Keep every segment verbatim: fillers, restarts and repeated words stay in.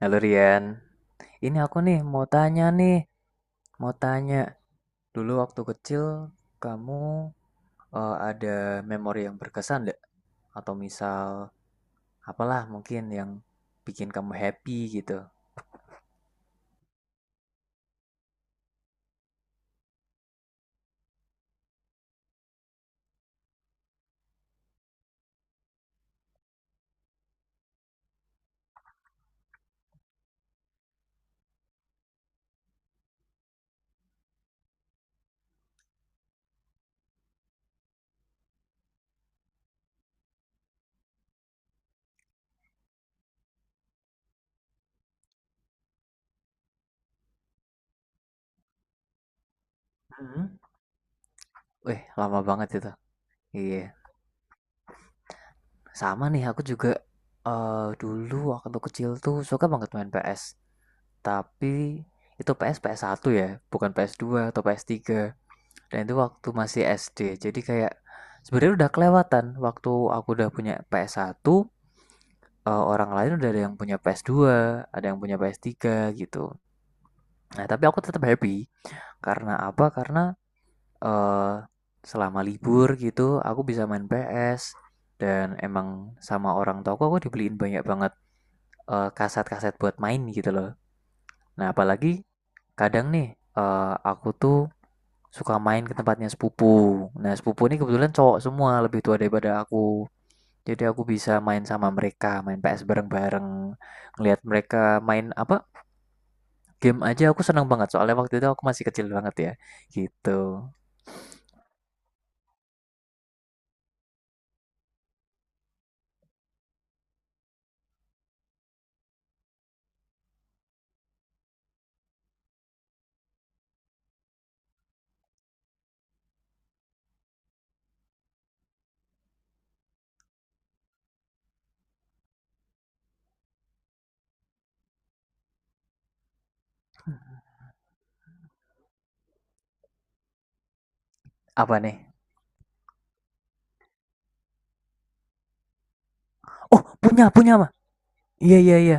Halo Rian, ini aku nih mau tanya nih, mau tanya dulu waktu kecil kamu eh, ada memori yang berkesan nggak? Atau misal apalah mungkin yang bikin kamu happy gitu? Mhm. Wih, lama banget itu. Iya, sama nih aku juga eh dulu waktu kecil tuh suka banget main P S, tapi itu P S ps satu ya, bukan P S dua atau P S tiga. Dan itu waktu masih S D. Jadi kayak sebenarnya udah kelewatan waktu aku udah punya P S one, eh, orang lain udah ada yang punya P S dua, ada yang punya P S tiga gitu. Nah, tapi aku tetap happy karena apa? Karena eh, selama libur gitu aku bisa main P S dan emang sama orang tua aku aku dibeliin banyak banget eh, kaset-kaset buat main gitu loh. Nah, apalagi kadang nih eh, aku tuh suka main ke tempatnya sepupu. Nah, sepupu ini kebetulan cowok semua, lebih tua daripada aku. Jadi aku bisa main sama mereka, main P S bareng-bareng, ngelihat mereka main apa? Game aja aku seneng banget soalnya waktu itu aku masih kecil banget ya. Gitu. Apa nih? Oh, punya, punya mah. Iya, iya, iya.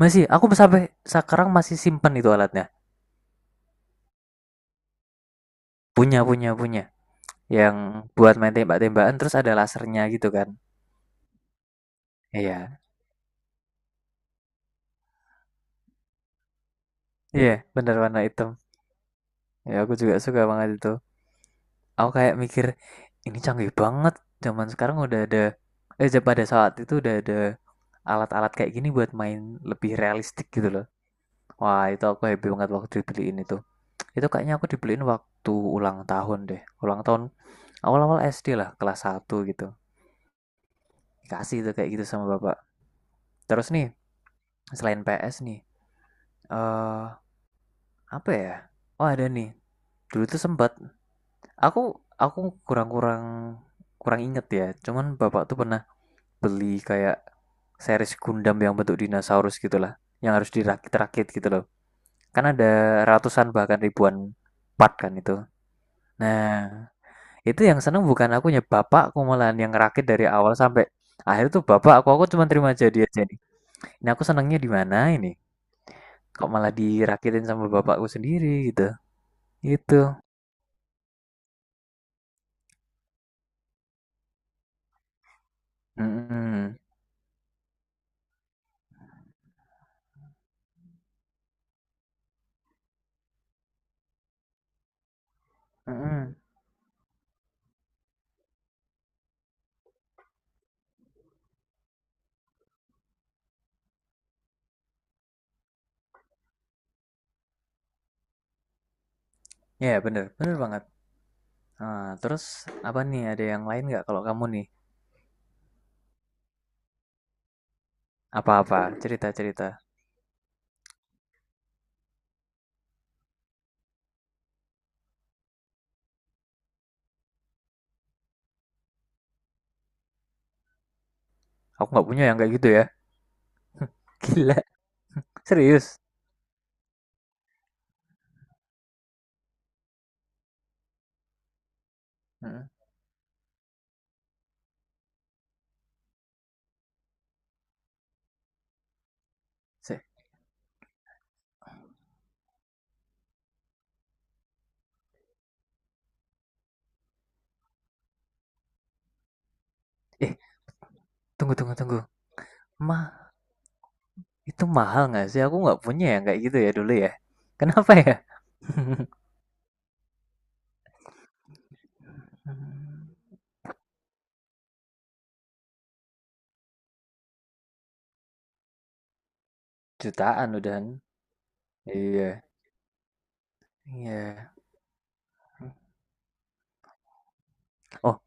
Masih, aku sampai sekarang masih simpen itu alatnya. Punya, punya, punya. Yang buat main tembak-tembakan terus ada lasernya gitu kan. Iya. Iya, benar warna hitam. Ya, aku juga suka banget itu. Aku kayak mikir ini canggih banget zaman sekarang udah ada, eh ja- pada saat itu udah ada alat-alat kayak gini buat main lebih realistik gitu loh. Wah, itu aku happy banget waktu dibeliin itu. Itu kayaknya aku dibeliin waktu ulang tahun deh, ulang tahun awal-awal S D lah, kelas satu gitu dikasih itu kayak gitu sama bapak. Terus nih selain P S nih eh apa ya, oh ada nih, dulu tuh sempat aku aku kurang-kurang kurang inget ya, cuman bapak tuh pernah beli kayak series Gundam yang bentuk dinosaurus gitulah, yang harus dirakit-rakit gitu loh. Kan ada ratusan bahkan ribuan part kan itu. Nah, itu yang seneng bukan akunya, bapakku malahan yang ngerakit dari awal sampai akhir tuh. Bapak aku aku cuma terima jadi aja nih. Ini aku senengnya di mana ini, kok malah dirakitin sama bapakku sendiri gitu itu. Mm-mm. Mm-mm. Ya yeah, bener bener banget. Ah, terus apa nih, ada yang lain nggak kalau kamu nih, apa-apa cerita-cerita. Aku nggak punya yang kayak gitu ya. Gila, serius. Eh, tunggu tunggu tunggu. Ma, itu mahal nggak sih? Aku nggak punya yang kayak gitu ya dulu ya. Kenapa ya? Jutaan udahan. Iya. Iya. Oh,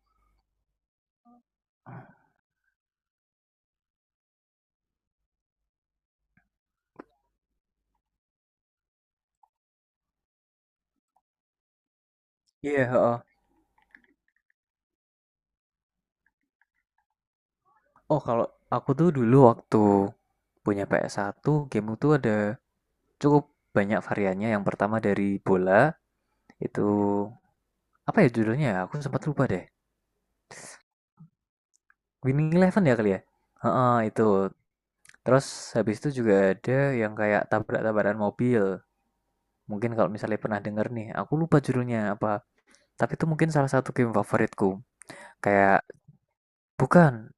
iya, Oh, Oh, kalau aku tuh dulu waktu punya P S satu, game itu ada cukup banyak variannya. Yang pertama dari bola, itu apa ya judulnya? Ya? Aku sempat lupa deh. Winning Eleven ya kali ya? Heeh, itu. Terus habis itu juga ada yang kayak tabrak-tabrakan mobil. Mungkin kalau misalnya pernah denger nih, aku lupa judulnya apa. Tapi itu mungkin salah satu game favoritku. Kayak bukan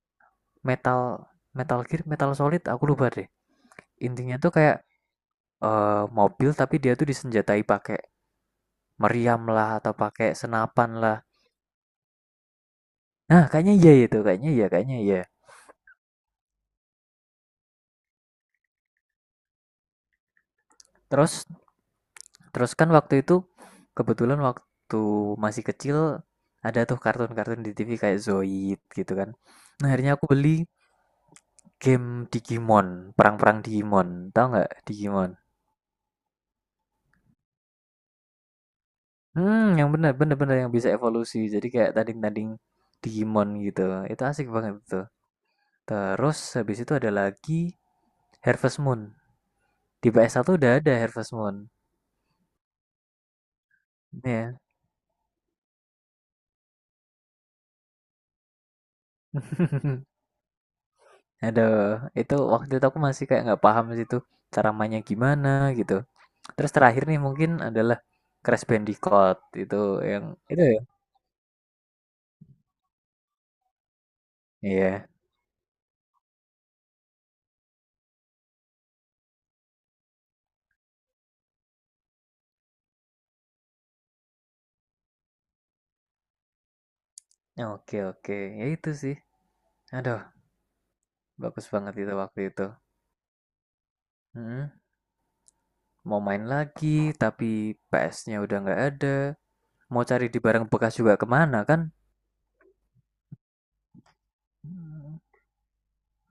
Metal Metal Gear, Metal Solid, aku lupa deh. Intinya tuh kayak eh, mobil tapi dia tuh disenjatai pakai meriam lah atau pakai senapan lah. Nah, kayaknya iya itu, kayaknya iya, kayaknya iya. Terus Terus kan waktu itu kebetulan waktu masih kecil ada tuh kartun-kartun di T V kayak Zoid gitu kan. Nah, akhirnya aku beli game Digimon, perang-perang Digimon. Tahu nggak Digimon? Hmm, yang bener bener bener yang bisa evolusi. Jadi kayak tanding-tanding Digimon gitu. Itu asik banget tuh. Terus habis itu ada lagi Harvest Moon. Di P S satu udah ada Harvest Moon. Ya. Yeah. Aduh, itu waktu itu aku masih kayak nggak paham sih tuh, cara mainnya gimana gitu. Terus terakhir nih mungkin adalah Crash Bandicoot, itu yang itu ya? Iya. Oke oke, ya itu sih. Aduh, bagus banget itu waktu itu. Mm-mm. Mau main lagi, tapi P S-nya udah nggak ada. Mau cari di barang bekas juga kemana kan?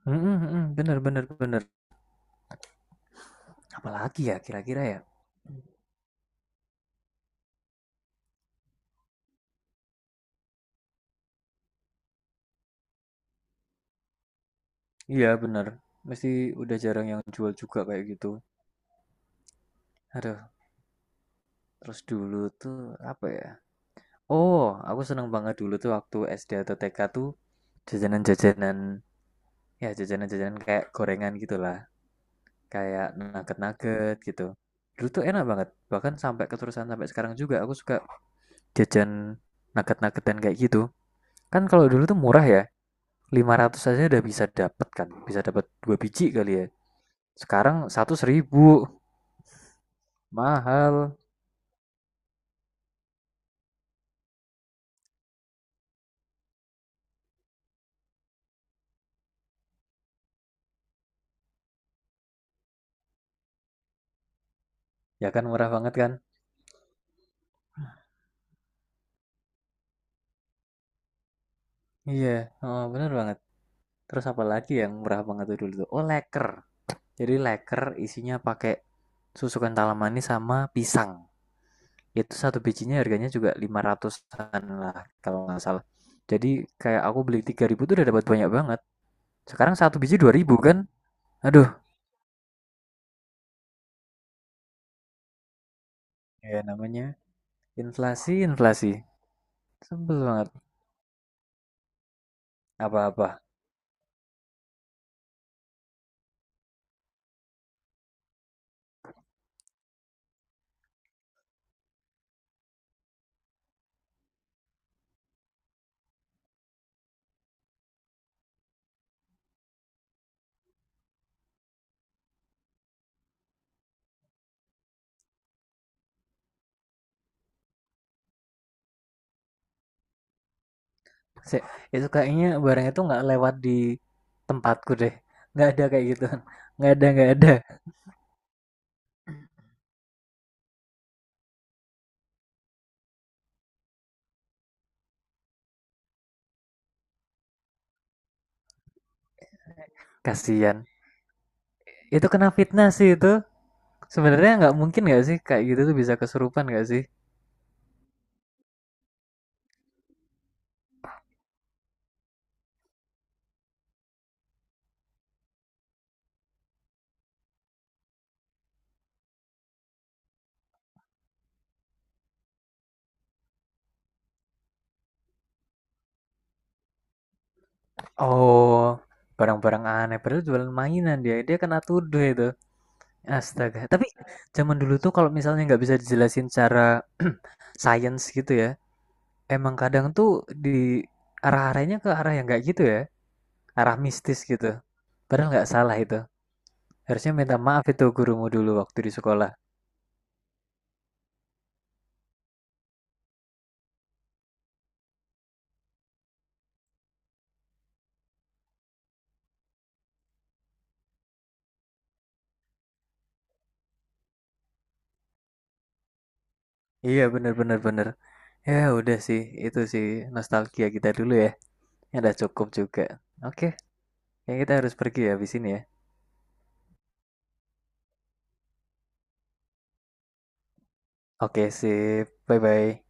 Mm-mm, mm-mm, bener bener bener. Apalagi ya kira-kira ya? Iya bener. Mesti udah jarang yang jual juga kayak gitu. Aduh, terus dulu tuh apa ya? Oh, aku seneng banget dulu tuh waktu S D atau T K tuh jajanan-jajanan, ya jajanan-jajanan kayak gorengan gitu lah, kayak nugget-nugget gitu. Dulu tuh enak banget, bahkan sampai keterusan sampai sekarang juga aku suka jajan nugget dan kayak gitu. Kan kalau dulu tuh murah ya, lima ratus aja udah bisa dapet kan, bisa dapat dua biji kali ya. Sekarang satu seribu, mahal, ya kan murah banget kan? Iya, oh, bener banget. Terus apa lagi yang murah banget tuh dulu tuh? Oh, leker. Jadi leker isinya pakai susu kental manis sama pisang. Itu satu bijinya harganya juga lima ratusan-an lah kalau nggak salah. Jadi kayak aku beli tiga ribu tuh udah dapat banyak banget. Sekarang satu biji dua ribu kan? Aduh, ya namanya inflasi, inflasi. Sebel banget apa-apa. Se- itu kayaknya barang itu nggak lewat di tempatku deh. Nggak ada kayak gitu. Nggak ada, nggak ada. Kasian. Itu kena fitnah sih itu. Sebenarnya nggak mungkin nggak sih kayak gitu tuh bisa kesurupan nggak sih? Oh, barang-barang aneh. Padahal jualan mainan dia. Dia kena tuduh itu. Astaga. Tapi zaman dulu tuh kalau misalnya nggak bisa dijelasin cara science gitu ya, emang kadang tuh di arah-arahnya ke arah yang nggak gitu ya, arah mistis gitu. Padahal nggak salah itu. Harusnya minta maaf itu gurumu dulu waktu di sekolah. Iya, bener-bener bener. Bener, bener. Ya udah sih, itu sih nostalgia kita dulu ya. Ya udah cukup juga. Oke, ya kita harus pergi ya habis ini ya. Oke, sip. Bye-bye.